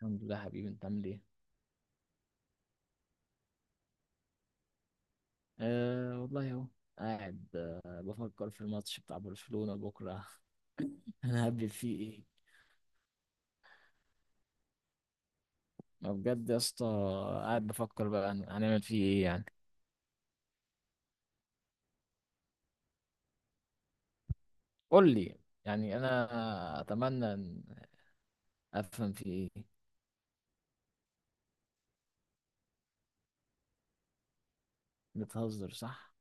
الحمد لله حبيبي، انت عامل ايه؟ أه والله اهو. قاعد بفكر في الماتش بتاع برشلونة بكرة. انا هبل فيه ايه؟ ما بجد يا اسطى. قاعد بفكر بقى هنعمل فيه ايه يعني. قول لي. يعني انا اتمنى ان افهم فيه ايه. بتهزر صح؟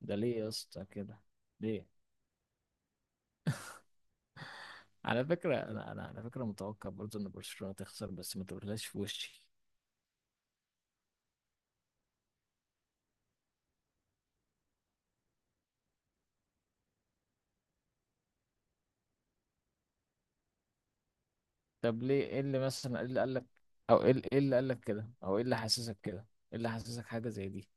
ده ليه يا اسطى كده؟ ليه؟ على فكرة انا على فكرة متوقع برضه ان برشلونة تخسر، بس ما تقولهاش في وشي. طب ليه، ايه اللي مثلا، ايه اللي قال لك، او ايه اللي قال لك كده، او ايه اللي حسسك كده؟ ايه اللي حسسك حاجة زي دي؟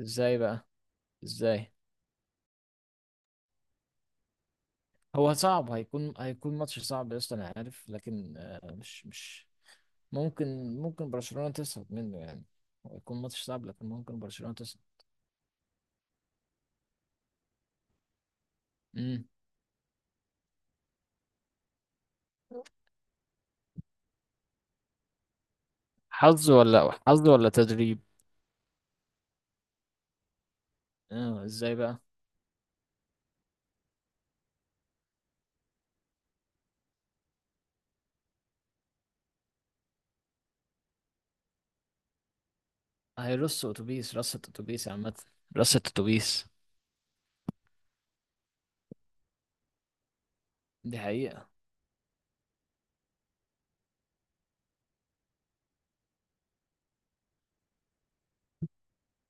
ازاي بقى؟ ازاي؟ هو صعب، هيكون ماتش صعب يا اسطى انا عارف، لكن مش ممكن برشلونة تصعد منه يعني. هو هيكون ماتش صعب لكن ممكن برشلونة تصعد. امم. حظ ولا حظ ولا تدريب؟ اه، ازاي بقى؟ هيرص اتوبيس، رصة اتوبيس عامة. رصة اتوبيس. دي حقيقة.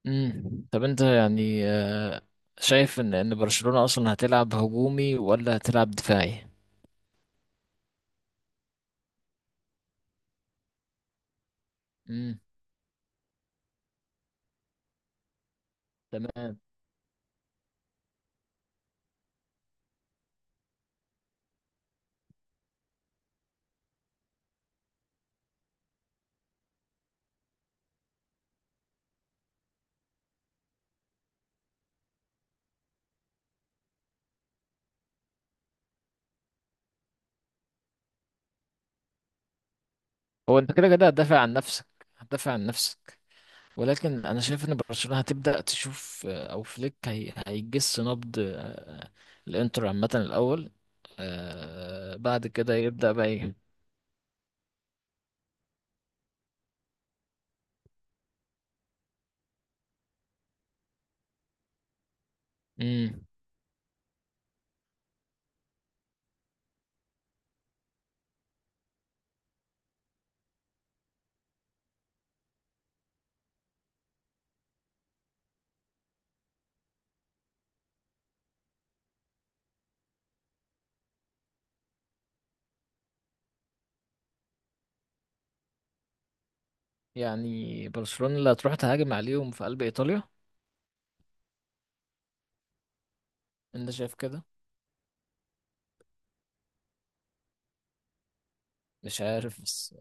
امم. طب انت يعني، شايف ان برشلونة اصلا هتلعب هجومي ولا هتلعب دفاعي؟ امم. تمام. هو انت كده كده هتدافع عن نفسك. هتدافع عن نفسك. ولكن انا شايف ان برشلونة هتبدأ تشوف، او فليك هيجس نبض الانتر عامة الاول. بعد كده يبدأ بقى ايه. مم. يعني برشلونة اللي هتروح تهاجم عليهم في قلب ايطاليا؟ انت شايف كده؟ مش عارف، بس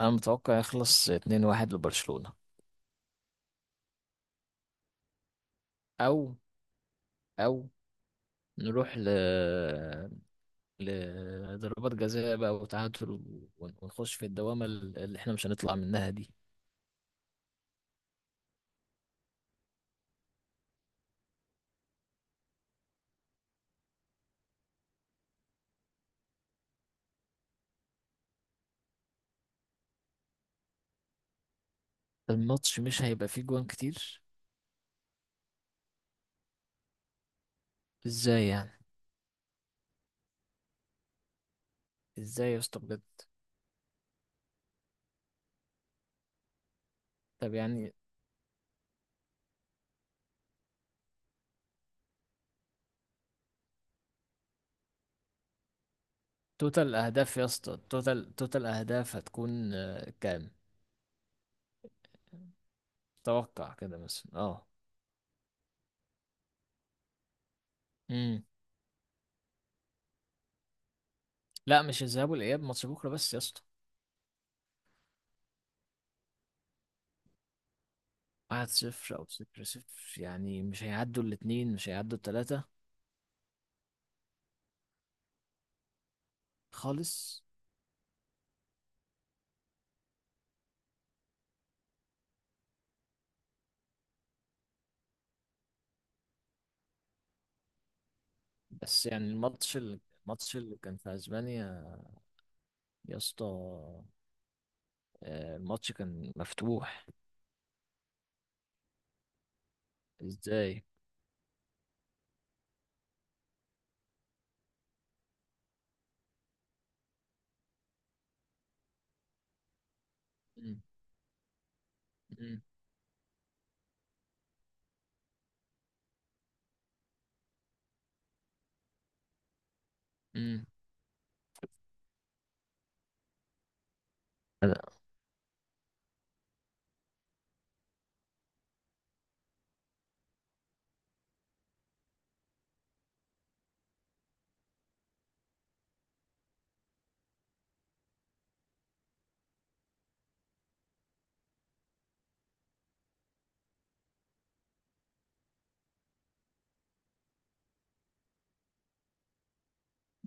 انا متوقع يخلص 2-1 لبرشلونة، او او نروح لضربات جزاء بقى وتعادل، ونخش في الدوامة اللي احنا مش هنطلع منها دي. الماتش مش هيبقى فيه جوان كتير؟ ازاي يعني؟ ازاي يا اسطى بجد؟ طب يعني، توتال اهداف يا اسطى، توتال اهداف هتكون كام؟ توقع كده مثلا اه. امم. لا مش الذهاب والاياب، ماتش بكره بس يا اسطى. 1-0 او 0-0؟ يعني مش هيعدوا الاتنين، مش هيعدوا التلاتة. خالص. بس يعني الماتش الماتش اللي كان في اسبانيا يا اسطى، الماتش كان مفتوح. ازاي؟ مم. مم. مم.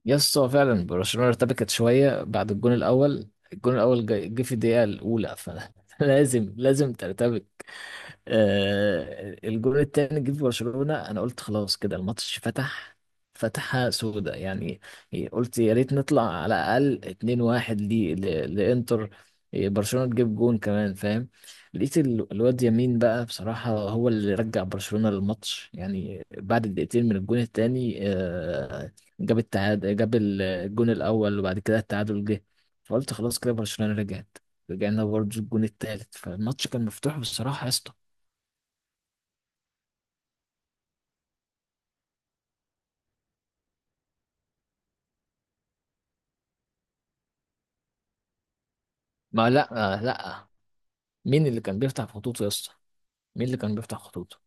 يس، هو فعلا برشلونة ارتبكت شوية بعد الجون الأول، جه في الدقيقة الأولى فلازم. لازم ترتبك. الجول التاني جه في برشلونة، انا قلت خلاص كده الماتش فتح، فتحة سودة يعني. قلت يا ريت نطلع على الاقل 2-1 لانتر. إيه، برشلونة تجيب جون كمان فاهم. لقيت الواد يمين بقى، بصراحة هو اللي رجع برشلونة للماتش يعني بعد دقيقتين من الجون التاني. جاب التعادل، جاب الجون الأول وبعد كده التعادل جه. فقلت خلاص كده برشلونة رجعت. رجعنا برضه الجون التالت، فالماتش كان مفتوح بصراحة يا اسطى. ما لا. لا. مين اللي كان بيفتح خطوط يا اسطى؟ مين اللي كان بيفتح خطوط؟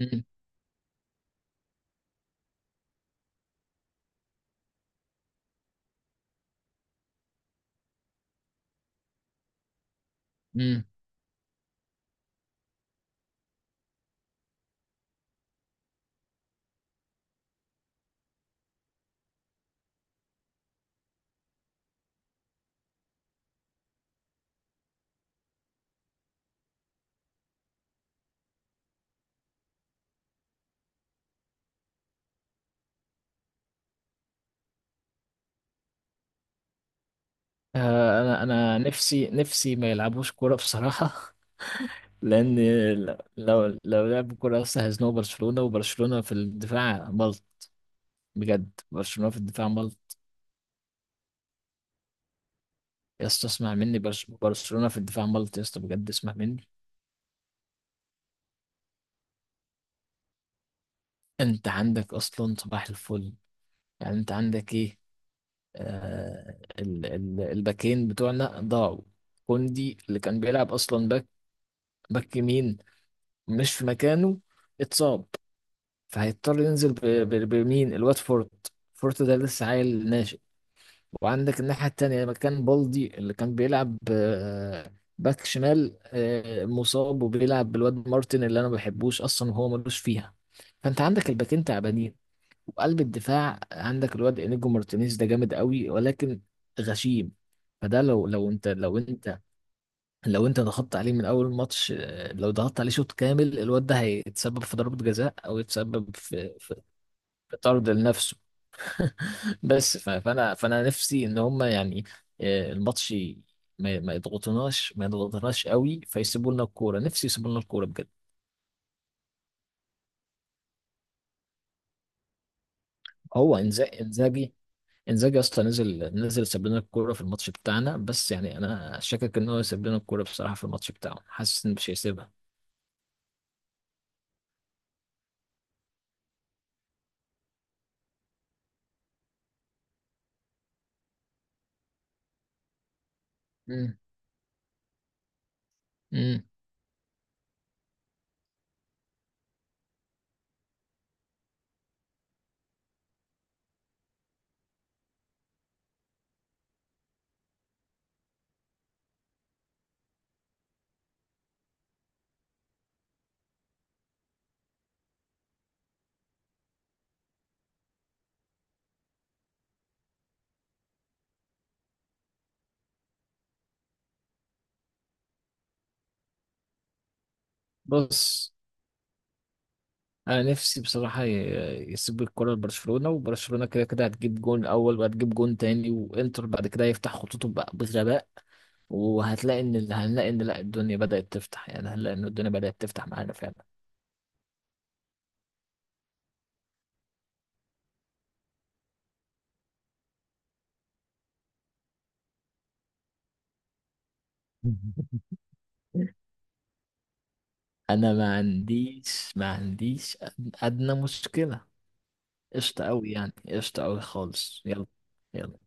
امم. امم. آه، انا نفسي نفسي ما يلعبوش كوره بصراحه. لان لو لعبوا كوره لسه هيزنقوا برشلونه، وبرشلونه في الدفاع ملط. بجد برشلونه في الدفاع ملط. يا اسطى اسمع مني، برشلونه في الدفاع ملط يا اسطى بجد، اسمع مني. انت عندك اصلا صباح الفل. يعني انت عندك ايه؟ ال الباكين بتوعنا ضاعوا. كوندي اللي كان بيلعب اصلا باك، باك يمين، مش في مكانه، اتصاب. فهيضطر ينزل بمين، الواد فورت ده لسه عيل ناشئ. وعندك الناحية التانية مكان بالدي اللي كان بيلعب، باك شمال، مصاب، وبيلعب بالواد مارتن اللي انا ما بحبوش اصلا وهو ملوش فيها. فانت عندك الباكين تعبانين. وقلب الدفاع عندك الواد انيجو مارتينيز ده جامد قوي ولكن غشيم. فده لو انت ضغطت عليه من اول ماتش، لو ضغطت عليه شوط كامل الواد ده هيتسبب في ضربة جزاء او يتسبب في في طرد لنفسه. بس فانا نفسي ان هم يعني، الماتش ما يضغطوناش ما يضغطوناش قوي فيسيبوا لنا الكوره، نفسي يسيبوا لنا الكوره بجد. هو انزاجي انزاجي اصلا نزل ساب لنا الكوره في الماتش بتاعنا، بس يعني انا شاكك ان هو يسيب لنا الكوره بصراحه في الماتش بتاعه، حاسس ان مش هيسيبها. امم. امم. بص، انا نفسي بصراحه يسيب الكره لبرشلونه، وبرشلونه كده كده هتجيب جون اول وهتجيب جون تاني، وانتر بعد كده يفتح خطوطه بقى بغباء، وهتلاقي ان هنلاقي ان لا الدنيا بدات تفتح، يعني هنلاقي ان الدنيا بدات تفتح معانا فعلا. انا ما عنديش ما عنديش ادنى مشكله. قشطه قوي يعني، قشطه قوي خالص. يلا. يلا.